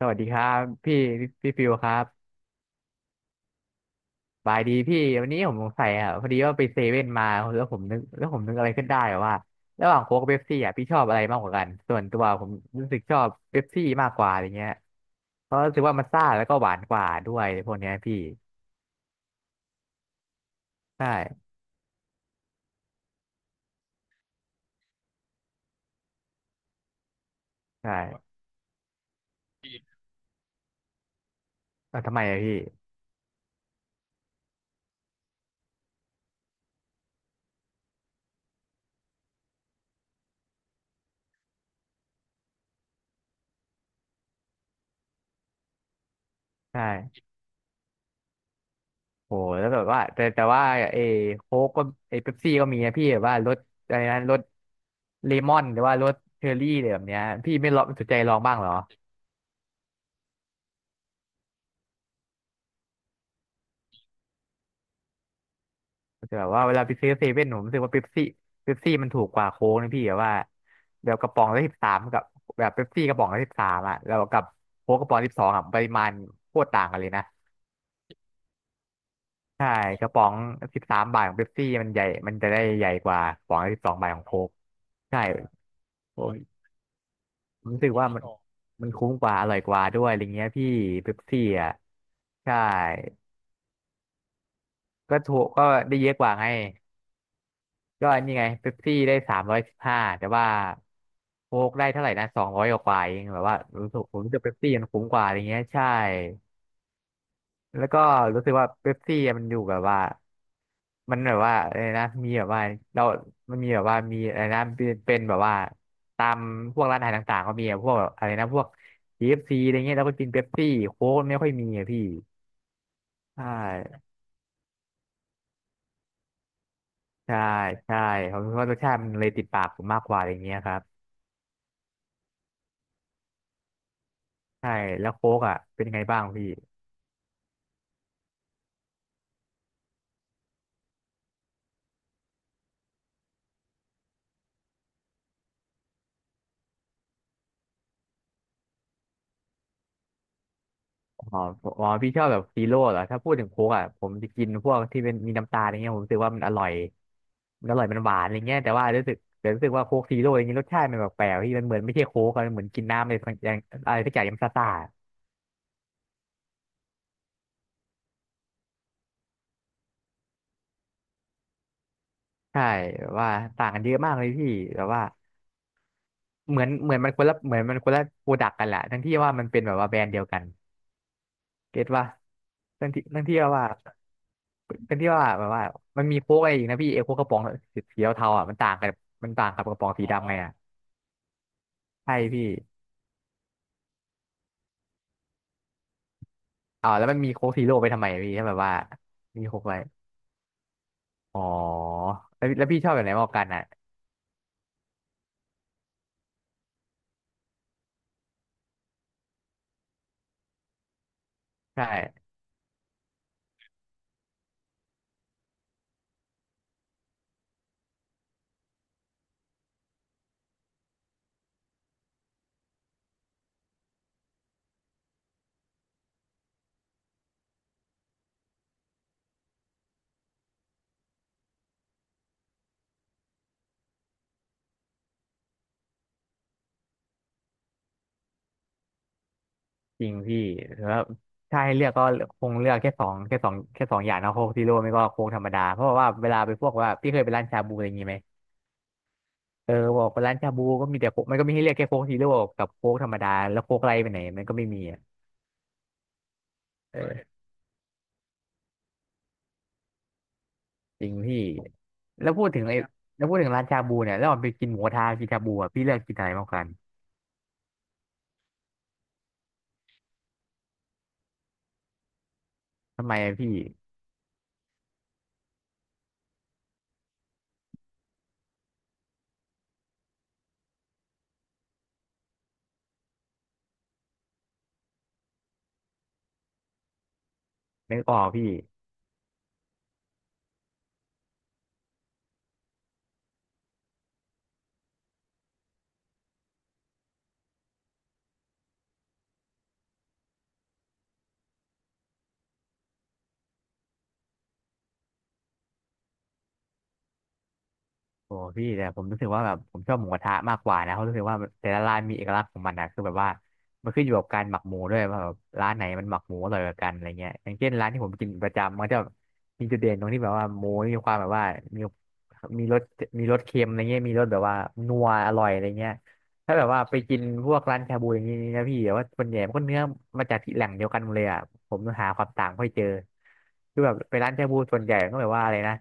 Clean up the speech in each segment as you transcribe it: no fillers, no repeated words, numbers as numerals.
สวัสดีครับพี่พี่ฟิวครับบายดีพี่วันนี้ผมสงสัยอ่ะพอดีว่าไปเซเว่นมาแล้วผมนึกอะไรขึ้นได้ว่าระหว่างโค้กกับเป๊ปซี่อ่ะพี่ชอบอะไรมากกว่ากันส่วนตัวผมรู้สึกชอบเป๊ปซี่มากกว่าอะไรเงี้ยเพราะรู้สึกว่ามันซ่าแล้วก็หวานกว่าด้วยพวกเนี้ยพี่ใช่ใช่เอ้าทำไมอะพี่ใช่โหแล้วแบบว่าแต่ว่าเอโค้กก็เอเป๊ปซี่ก็มีนะพี่แบบว่ารสอะไรนะรสเลมอนหรือว่ารสเชอร์รี่อะไรแบบเนี้ยพี่ไม่ลองสนใจลองบ้างเหรอ แต่แบบว่าเวลาไปซื้อเซเว่นผมรู้สึกว่าเป๊ปซี่มันถูกกว่าโค้กนะพี่แบบว่าแบบกระป๋องละสิบสามกับแบบเป๊ปซี่กระป๋องละสิบสามอ่ะแล้วกับโค้กกระป๋องสิบสองอ่ะปริมาณโคตรต่างกันเลยนะใช่กระป๋องสิบสามบาทของเป๊ปซี่มันใหญ่มันจะได้ใหญ่กว่ากระป๋องละสิบสองบาทของโค้กใช่ผมรู้สึกว่ามันคุ้มกว่าอร่อยกว่าด้วยอะไรเงี้ยพี่เป๊ปซี่อ่ะใช่ก็ถูกก็ได้เยอะกว่าไง ก็นี่ไงเป๊ปซี่ได้สามร้อยสิบห้าแต่ว่าโค้กได้เท่าไหร่นะสองร้อยกว่าเองแบบว่ารู้สึกผมรู้สึกเป๊ปซี่มันคุ้มกว่าอะไรเงี้ยใช่แล้วก็รู้สึกว่าเป๊ปซี่มันอยู่แบบว่ามันแบบว่าอะไรนะมีแบบว่าเรามันมีแบบว่ามีอะไรนะเป็นแบบว่าตามพวกร้านอาหารต่างๆก็มีอะพวกแบบอะไรนะพวก KFC อฟซีอะไรเงี้ยแล้วก็กินเป๊ปซี่โค้กไม่ค่อยมีอะพี่ใช่ใช่ใช่ผมคิดว่ารสชาติมันเลยติดปากผมมากกว่าอะไรเงี้ยครับ ใช่แล้วโค้กอ่ะเป็นไงบ้างพี่อ๋ออ๋อพี่ชอบแบบซีโร่เหรอถ้าพูดถึงโค้กอ่ะผมจะกินพวกที่เป็นมีน้ำตาลอะไรเงี้ยผมรู้สึกว่ามันอร่อยมันหวานอะไรเงี้ยแต่ว่ารู้สึกว่าโค้กซีโร่อย่างนี้รสชาติมันแปลกๆพี่มันเหมือนไม่ใช่โค้กอะมันเหมือนกินน้ำอะไรสักอย่างอะไรสักอย่างยำซ่าซ่าใช่แบบว่าต่างกันเยอะมากเลยพี่แบบว่าเหมือนเหมือนมันคนละเหมือนมันคนละโปรดักกันแหละทั้งที่ว่ามันเป็นแบบว่าแบรนด์เดียวกัน เก็ตป่ะเรื่องที่ว่าเป็นที่ว่าแบบว่ามันมีโค้กอะไรอีกนะพี่เอโค้กกระป๋องสีเทาๆอ่ะมันต่างกับกระป๋องสีดำไงอ่ะใช่พี่อ่าแล้วมันมีโค้กซีโร่ไปทำไมพี่ถ้าแบบว่ามีโค้กไว้อ๋อแล้วพี่ชอบแบบไหนมากกว่ากันอ่ะใช่จริงพี่แล้วถ้าให้เลือกก็คงเลือกแค่สองอย่างนะโค้กซีโร่ไม่ก็โค้กธรรมดาเพราะว่าเวลาไปพวกว่าพี่เคยไปร้านชาบูอะไรอย่างงี้ไหม เออบอกไปร้านชาบูก็มีแต่โค้กมันก็มีให้เรียกแค่โค้กฮีโร่กับโค้กธรรมดาแล้วโค้กไรไปไหนมันก็ไม่มีอ่ะเออจริงพี่แล้วพูดถึงไอ้แล้วพูดถึงร้านชาบูเนี่ยแล้วออมไปกินหมูกระทะกินชาบูอ่ะพี่เลือกกินอะไรมากกว่ากันทำไมอะพี่นึกออกพี่ โอ้พี่แต่ผมรู้สึกว่าแบบผมชอบหมูกระทะมากกว่านะเพราะรู้สึกว่าแต่ละร้านมีเอกลักษณ์ของมันนะคือแบบว่ามันขึ้นอยู่กับการหมักหมูด้วยว่าแบบร้านไหนมันหมักหมูอร่อยกว่ากันอะไรเงี้ยอย่างเช่นร้านที่ผมกินประจำมันจะมีจุดเด่นตรงที่แบบว่าหมูมีความแบบว่ามีมีรสมีรสเค็มอะไรเงี้ยมีรสแบบว่านัวอร่อยอะไรเงี้ย ถ้าแบบว่าไปกินพวกร้านชาบูอย่างนี้นะพี่แบบว่าส่วนใหญ่มันก็เนื้อมาจากที่แหล่งเดียวกันหมดเลยอ่ะผมหาความต่างไม่ค่อยเจอคือแบบไปร้านชาบูส่วนใหญ่ก็แบบว่าอะไรนะ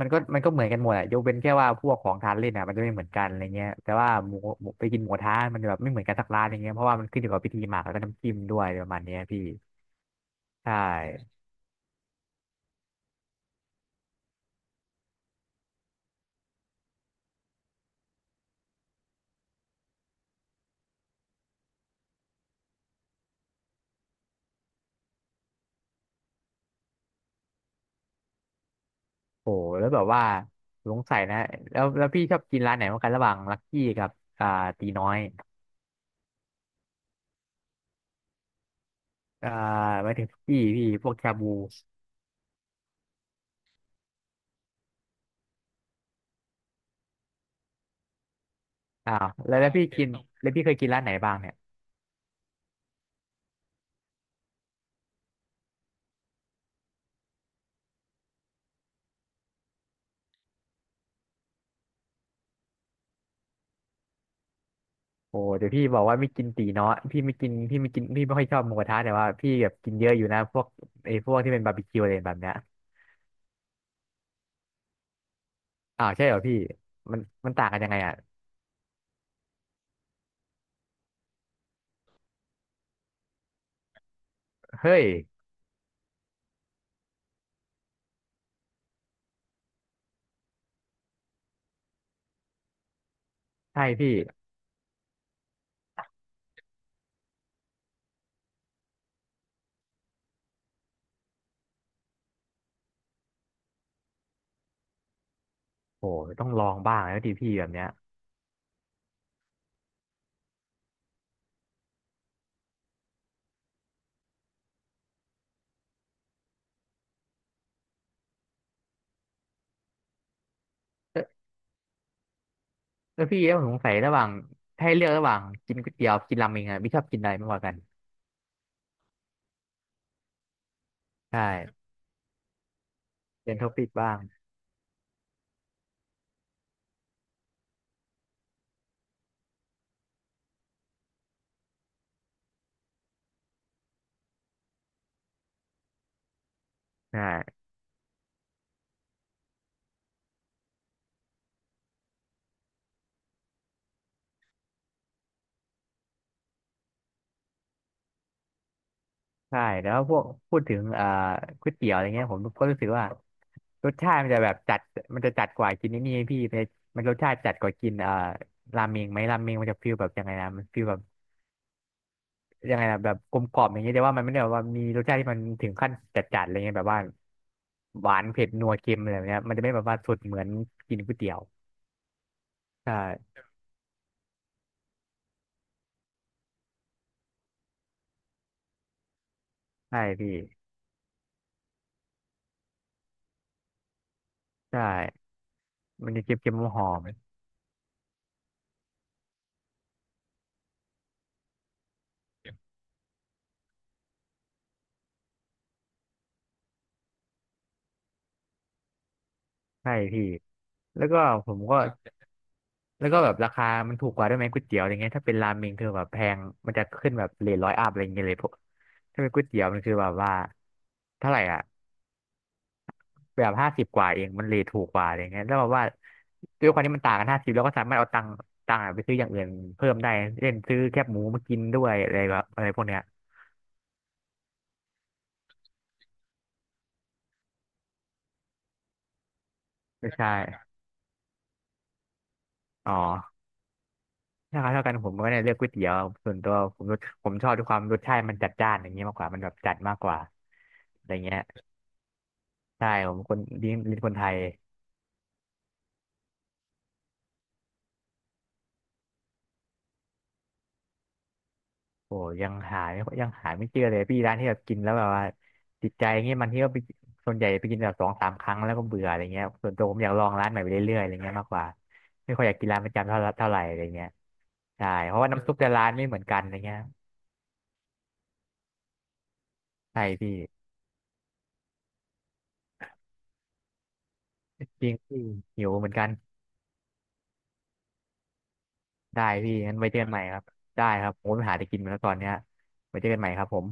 มันก็เหมือนกันหมดอ่ะยกเว้นแค่ว่าพวกของทานเล่นอ่ะมันจะไม่เหมือนกันอะไรเงี้ยแต่ว่าหมูไปกินหมูกระทะมันจะแบบไม่เหมือนกันสักร้านอะไรเงี้ยเพราะว่ามันขึ้นอยู่กับพิธีหมักแล้วก็น้ำจิ้มด้วยประมาณเนี้ยพี่ใช่โอ้แล้วแบบว่าสงสัยนะแล้วพี่ชอบกินร้านไหนมากกันระหว่างลักกี้กับอ่าตีน้อยอ่าหมายถึงพี่พวกชาบู อ้าวแล้วพี่เกินแล้วพี่เคยกินร้านไหนบ้างเนี่ยโอ้เดี๋ยวพี่บอกว่าไม่กินตีเนาะพี่ไม่กินพี่ไม่กินพี่ไม่ค่อยชอบหมูกระทะแต่ว่าพี่แบบกินเยอะอยู่นะพวกไอ้พวกที่เป็นบาร์บีคิวอะไรแบบเนี้ยอ้าวใช่เหรอพี่มันมันต่างกันยังไงอ่ะเฮ้ยใช่พี่โอ้ต้องลองบ้างแล้วดิพี่แบบเนี้ยเออเออพี่แล้วผมสงสัยระหว่างถ้าให้เลือกระหว่างกินก๋วยเตี๋ยวกินราเมงอะพี่ชอบกินอะไรมากกว่ากันใช่เป็นท็อปิกบ้างใช่ใช่แล้วพวกพูดถึงก๋วยเตี๋ยวอะไรเงี้ยผมก็รู้สึกว่า รสชาติมันจะแบบจัดมันจะจัดกว่ากินนี่นี่ไงพี่มันมันรสชาติจัดกว่ากินราเมงไหมราเมงมันจะฟีลแบบยังไงนะมันฟีลแบบยังไงนะแบบกลมกล่อมอย่างเงี้ยแต่ว่ามันไม่ได้แบบว่ามีรสชาติที่มันถึงขั้นจัดๆอะไรเงี้ยแบบว่าหวานเผ็ดนัวเค็มอะไรแบบเนี้ยมันจะไม่แบบว่าสุดเหมือนกินก๋วยเตี๋ยวใช่ใช่พี่ใช่มันจะเค็มๆหอมๆใช่พี่แล้วก็ผมก็ แล้วก็แบบราคามันถูกกว่าด้วยไหมก๋วยเตี๋ยวอะไรเงี้ยถ้าเป็นราเมงคือแบบแพงมันจะขึ้นแบบเรท100 อัพอะไรเงี้ยเลยพวกถ้าเป็นก๋วยเตี๋ยวมันคือแบบว่าเท่าไหร่อ่ะแบบ50 กว่าเองมันเรทถูกกว่าอะไรเงี้ยแล้วแบบว่าด้วยความที่มันต่างกันห้าสิบเราก็สามารถเอาตังค์ตังค์อะไปซื้ออย่างอื่นเพิ่มได้เช่นซื้อแคบหมูมากินด้วยอะไรแบบอะไรพวกเนี้ยไม่ใช่อ๋อถ้าเท่ากันผมก็เนี่ยเลือกก๋วยเตี๋ยวส่วนตัวผมชอบด้วยความรสชาติมันจัดจ้านอย่างเงี้ยมากกว่ามันแบบจัดมากกว่าอะไรเงี้ยใช่ผมคนดีเป็นคนไทย โอ้ยังหาไม่เจอเลยพี่ร้านที่แบบกินแล้วแบบว่าติดใจเงี้ยบาทีก็ไปส่วนใหญ่ไปกินแบบสองสามครั้งแล้วก็เบื่ออะไรเงี้ยส่วนตัวผมอยากลองร้านใหม่ไปเรื่อยๆอะไรเงี้ยมากกว่าไม่ค่อยอยากกินร้านประจำเท่าไหร่อะไรเงี้ยใช่เพราะว่าน้ำซุปแต่ร้านไม่เหมือนกันอะไรเงี้ยใช่พี่จริงพี่หิวเหมือนกันได้พี่งั้นไว้เจอกันใหม่ครับได้ครับผมไปหาอะไรกินมาแล้วตอนเนี้ยไว้เจอกันใหม่ครับผม